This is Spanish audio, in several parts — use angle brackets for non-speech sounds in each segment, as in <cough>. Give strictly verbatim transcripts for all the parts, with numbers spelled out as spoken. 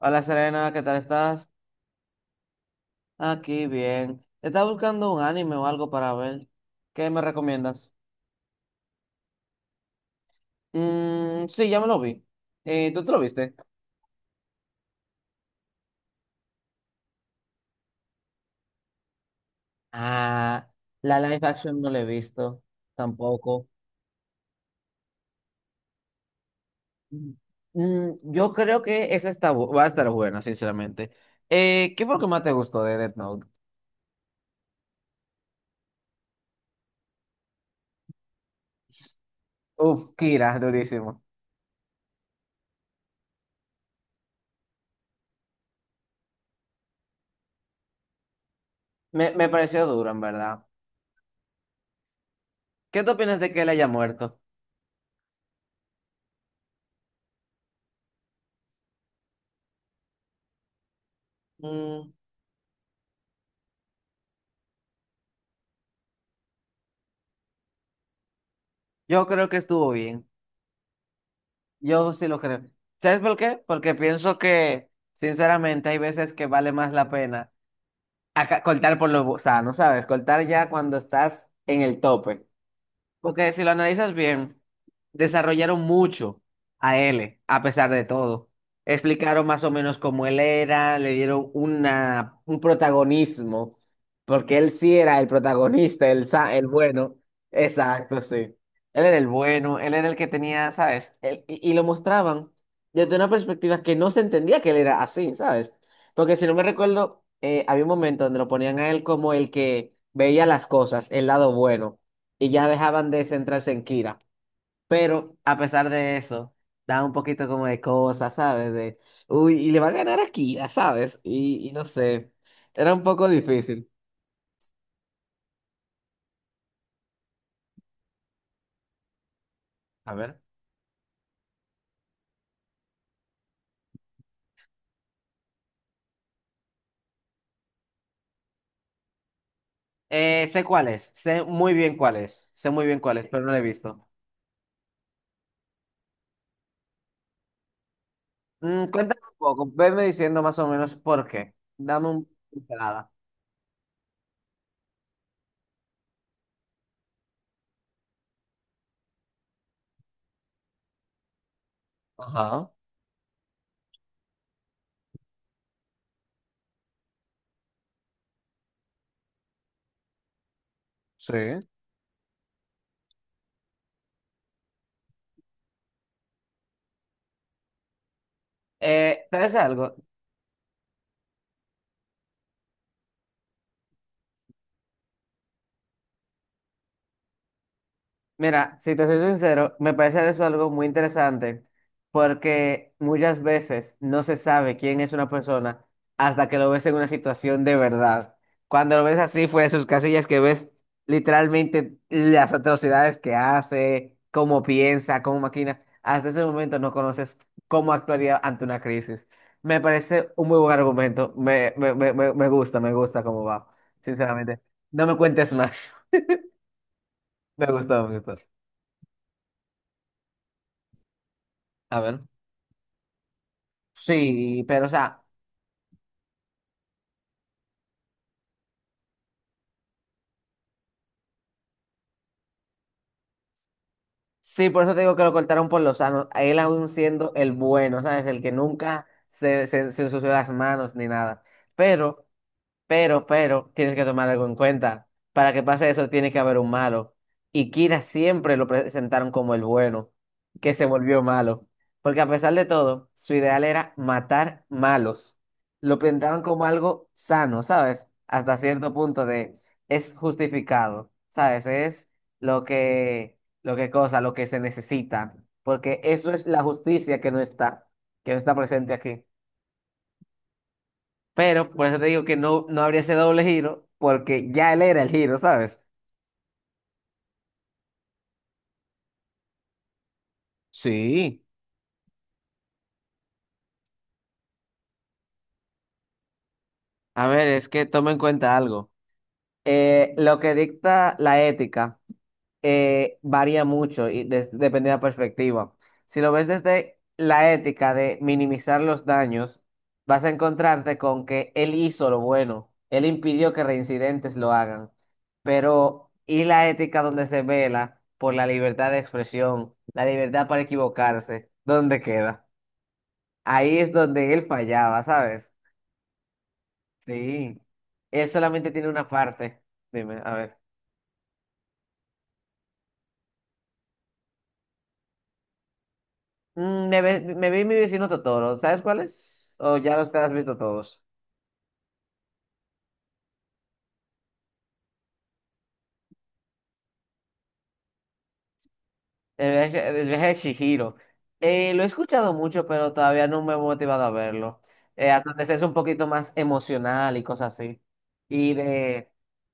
Hola Serena, ¿qué tal estás? Aquí bien. Estaba buscando un anime o algo para ver. ¿Qué me recomiendas? Mm, sí, ya me lo vi. Eh, ¿tú te lo viste? Ah, la live action no la he visto tampoco. Mm, mm, yo creo que esa está, bu- va a estar buena, sinceramente. Eh, ¿qué fue lo que más te gustó de Death Note? Uf, Kira, <laughs> durísimo. Me, me pareció duro, en verdad. ¿Qué te opinas de que él haya muerto? Mm, yo creo que estuvo bien. Yo sí lo creo. ¿Sabes por qué? Porque pienso que, sinceramente, hay veces que vale más la pena acá cortar por lo bu- sano, ¿sabes? Cortar ya cuando estás en el tope. Porque si lo analizas bien, desarrollaron mucho a él, a pesar de todo. Explicaron más o menos cómo él era, le dieron una, un protagonismo, porque él sí era el protagonista, el, sa- el bueno. Exacto, sí. Él era el bueno, él era el que tenía, ¿sabes? Él- y, y lo mostraban desde una perspectiva que no se entendía que él era así, ¿sabes? Porque si no me recuerdo, eh, había un momento donde lo ponían a él como el que veía las cosas, el lado bueno, y ya dejaban de centrarse en Kira. Pero a pesar de eso, da un poquito como de cosas, ¿sabes? De, uy, y le va a ganar a Kira, ¿sabes? Y, y no sé, era un poco difícil. A ver. Eh, sé cuál es, sé muy bien cuál es, sé muy bien cuál es, pero no lo he visto. Mm, cuéntame un poco, venme diciendo más o menos por qué. Dame un pincelada. Ajá. Sí. Eh, ¿sabes algo? Mira, si te soy sincero, me parece eso algo muy interesante, porque muchas veces no se sabe quién es una persona hasta que lo ves en una situación de verdad. Cuando lo ves así fuera de sus casillas, que ves literalmente las atrocidades que hace, cómo piensa, cómo maquina, hasta ese momento no conoces cómo actuaría ante una crisis. Me parece un muy buen argumento, me, me, me, me me gusta, me gusta cómo va, sinceramente. No me cuentes más, <laughs> me gustó, me gustó. A ver. Sí, pero o sea, sí, por eso te digo que lo cortaron por los sanos, él aún siendo el bueno, ¿sabes? El que nunca se, se, se ensució las manos ni nada. Pero Pero, pero, tienes que tomar algo en cuenta. Para que pase eso, tiene que haber un malo. Y Kira siempre lo presentaron como el bueno, que se volvió malo. Porque a pesar de todo, su ideal era matar malos. Lo pintaban como algo sano, ¿sabes? Hasta cierto punto de es justificado, ¿sabes? Es lo que, lo que cosa, lo que se necesita. Porque eso es la justicia que no está, que no está presente aquí. Pero por eso te digo que no, no habría ese doble giro, porque ya él era el giro, ¿sabes? Sí, a ver, es que toma en cuenta algo. Eh, lo que dicta la ética. Eh, varía mucho y des- depende de la perspectiva. Si lo ves desde la ética de minimizar los daños, vas a encontrarte con que él hizo lo bueno, él impidió que reincidentes lo hagan, pero y la ética donde se vela por la libertad de expresión, la libertad para equivocarse, ¿dónde queda? Ahí es donde él fallaba, ¿sabes? Sí, él solamente tiene una parte. Dime, a ver. Mm, Me, ve- me vi mi vecino Totoro. ¿Sabes cuáles o ya los te has visto todos? El viaje, el viaje de Chihiro. Eh, lo he escuchado mucho, pero todavía no me he motivado a verlo. Eh, hasta donde sé es un poquito más emocional y cosas así. Y de,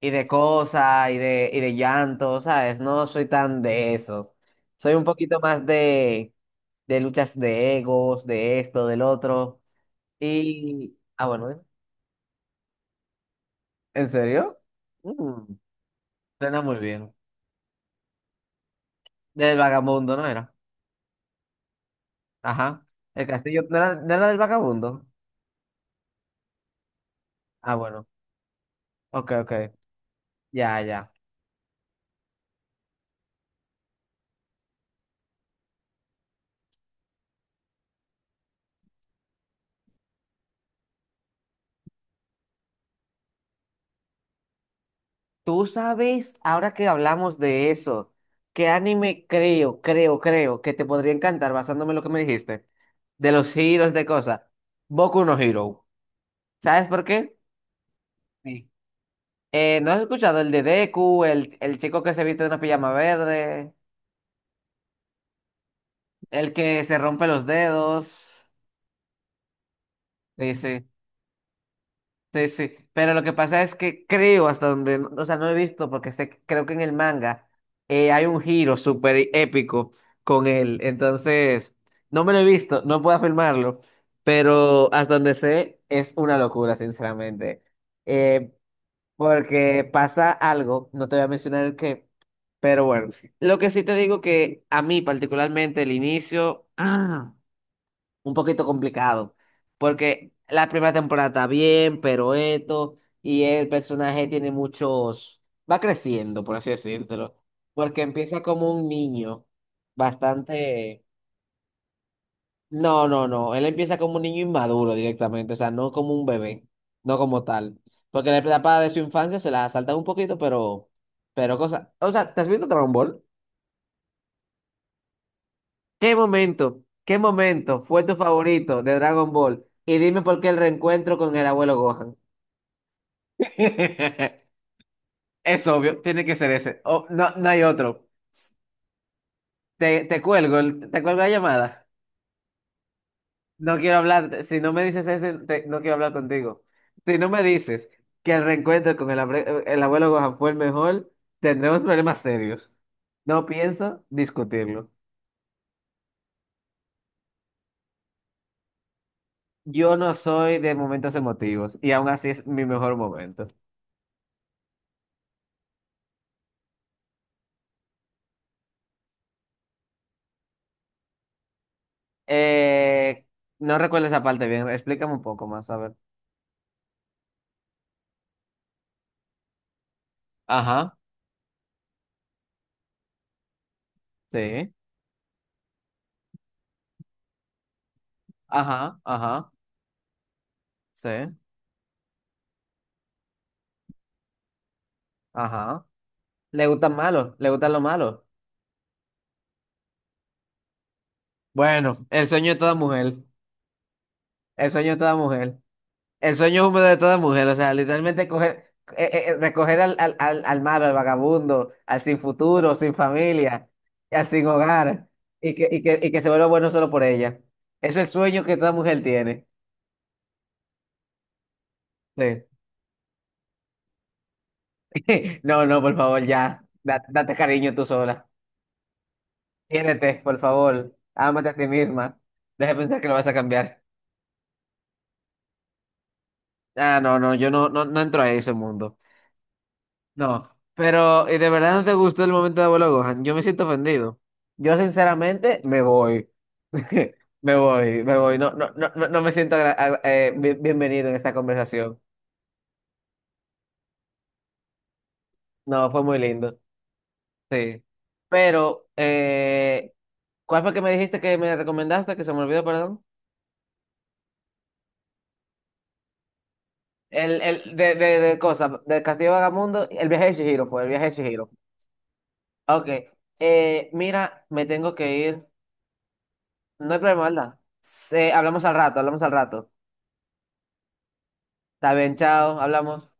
y de cosas, y de, y de llanto, ¿sabes? No soy tan de eso. Soy un poquito más de, de luchas de egos, de esto, del otro. Y. Ah, bueno, ¿eh? ¿En serio? Mm, suena muy bien. Del vagabundo, ¿no era? Ajá. El castillo, ¿no era, no era del vagabundo? Ah, bueno. Ok, ok. Ya, ya. Tú sabes, ahora que hablamos de eso, ¿qué anime creo, creo, creo que te podría encantar basándome en lo que me dijiste? De los giros de cosas. Boku no Hero. ¿Sabes por qué? Sí. Eh, ¿no has escuchado el de Deku, el, el chico que se viste de una pijama verde, el que se rompe los dedos? Sí, sí. Sí, sí, pero lo que pasa es que creo hasta donde, o sea, no he visto porque sé, que- creo que en el manga eh, hay un giro súper épico con él, entonces no me lo he visto, no puedo afirmarlo, pero hasta donde sé es una locura, sinceramente, eh, porque pasa algo, no te voy a mencionar el qué, pero bueno, lo que sí te digo que a mí particularmente el inicio, <clears throat> un poquito complicado, porque la primera temporada está bien, pero esto, y el personaje tiene muchos, va creciendo, por así decírtelo, porque empieza como un niño, bastante, no, no, no, él empieza como un niño inmaduro directamente, o sea, no como un bebé, no como tal, porque la etapa de su infancia se la salta un poquito, pero, pero cosa, o sea, ¿te has visto Dragon Ball? ¿Qué momento, qué momento fue tu favorito de Dragon Ball? Y dime por qué el reencuentro con el abuelo Gohan. <laughs> Es obvio, tiene que ser ese. Oh, no, no hay otro. Te, te cuelgo, el- te cuelgo la llamada. No quiero hablar, si no me dices ese, te- no quiero hablar contigo. Si no me dices que el reencuentro con el, abre- eh, el abuelo Gohan fue el mejor, tendremos problemas serios. No pienso discutirlo. Yo no soy de momentos emotivos y aún así es mi mejor momento. Eh, no recuerdo esa parte bien. Explícame un poco más, a ver. Ajá, sí, ajá, ajá, sí, ajá. ¿Le gustan malos? ¿Le gustan los malos? Bueno, el sueño de toda mujer. El sueño de toda mujer. El sueño húmedo de toda mujer. O sea, literalmente coger, eh, eh, eh, recoger al, al, al, al malo, al vagabundo, al sin futuro, sin familia, al sin hogar, y que, y que, y que se vuelva bueno solo por ella. Es el sueño que toda mujer tiene. Sí. <laughs> No, no, por favor, ya. Da- Date cariño tú sola. Quiérete, por favor. Ámate a ti misma. Deja de pensar que lo vas a cambiar. Ah, no, no, yo no, no, no entro a ese mundo. No. Pero, ¿y de verdad no te gustó el momento de abuelo Gohan? Yo me siento ofendido. Yo, sinceramente, me voy. <laughs> Me voy, me voy. No, no, no, no, no me siento agra- agra- eh, bien- bienvenido en esta conversación. No, fue muy lindo. Sí. Pero, eh, ¿cuál fue que me dijiste que me recomendaste? Que se me olvidó, perdón. El, el, de, de, de cosas, de Castillo Vagamundo, el viaje de Chihiro fue, el viaje de Chihiro. Ok, eh, mira, me tengo que ir. No hay problema, ¿verdad? Se- hablamos al rato, hablamos al rato. Está bien, chao, hablamos.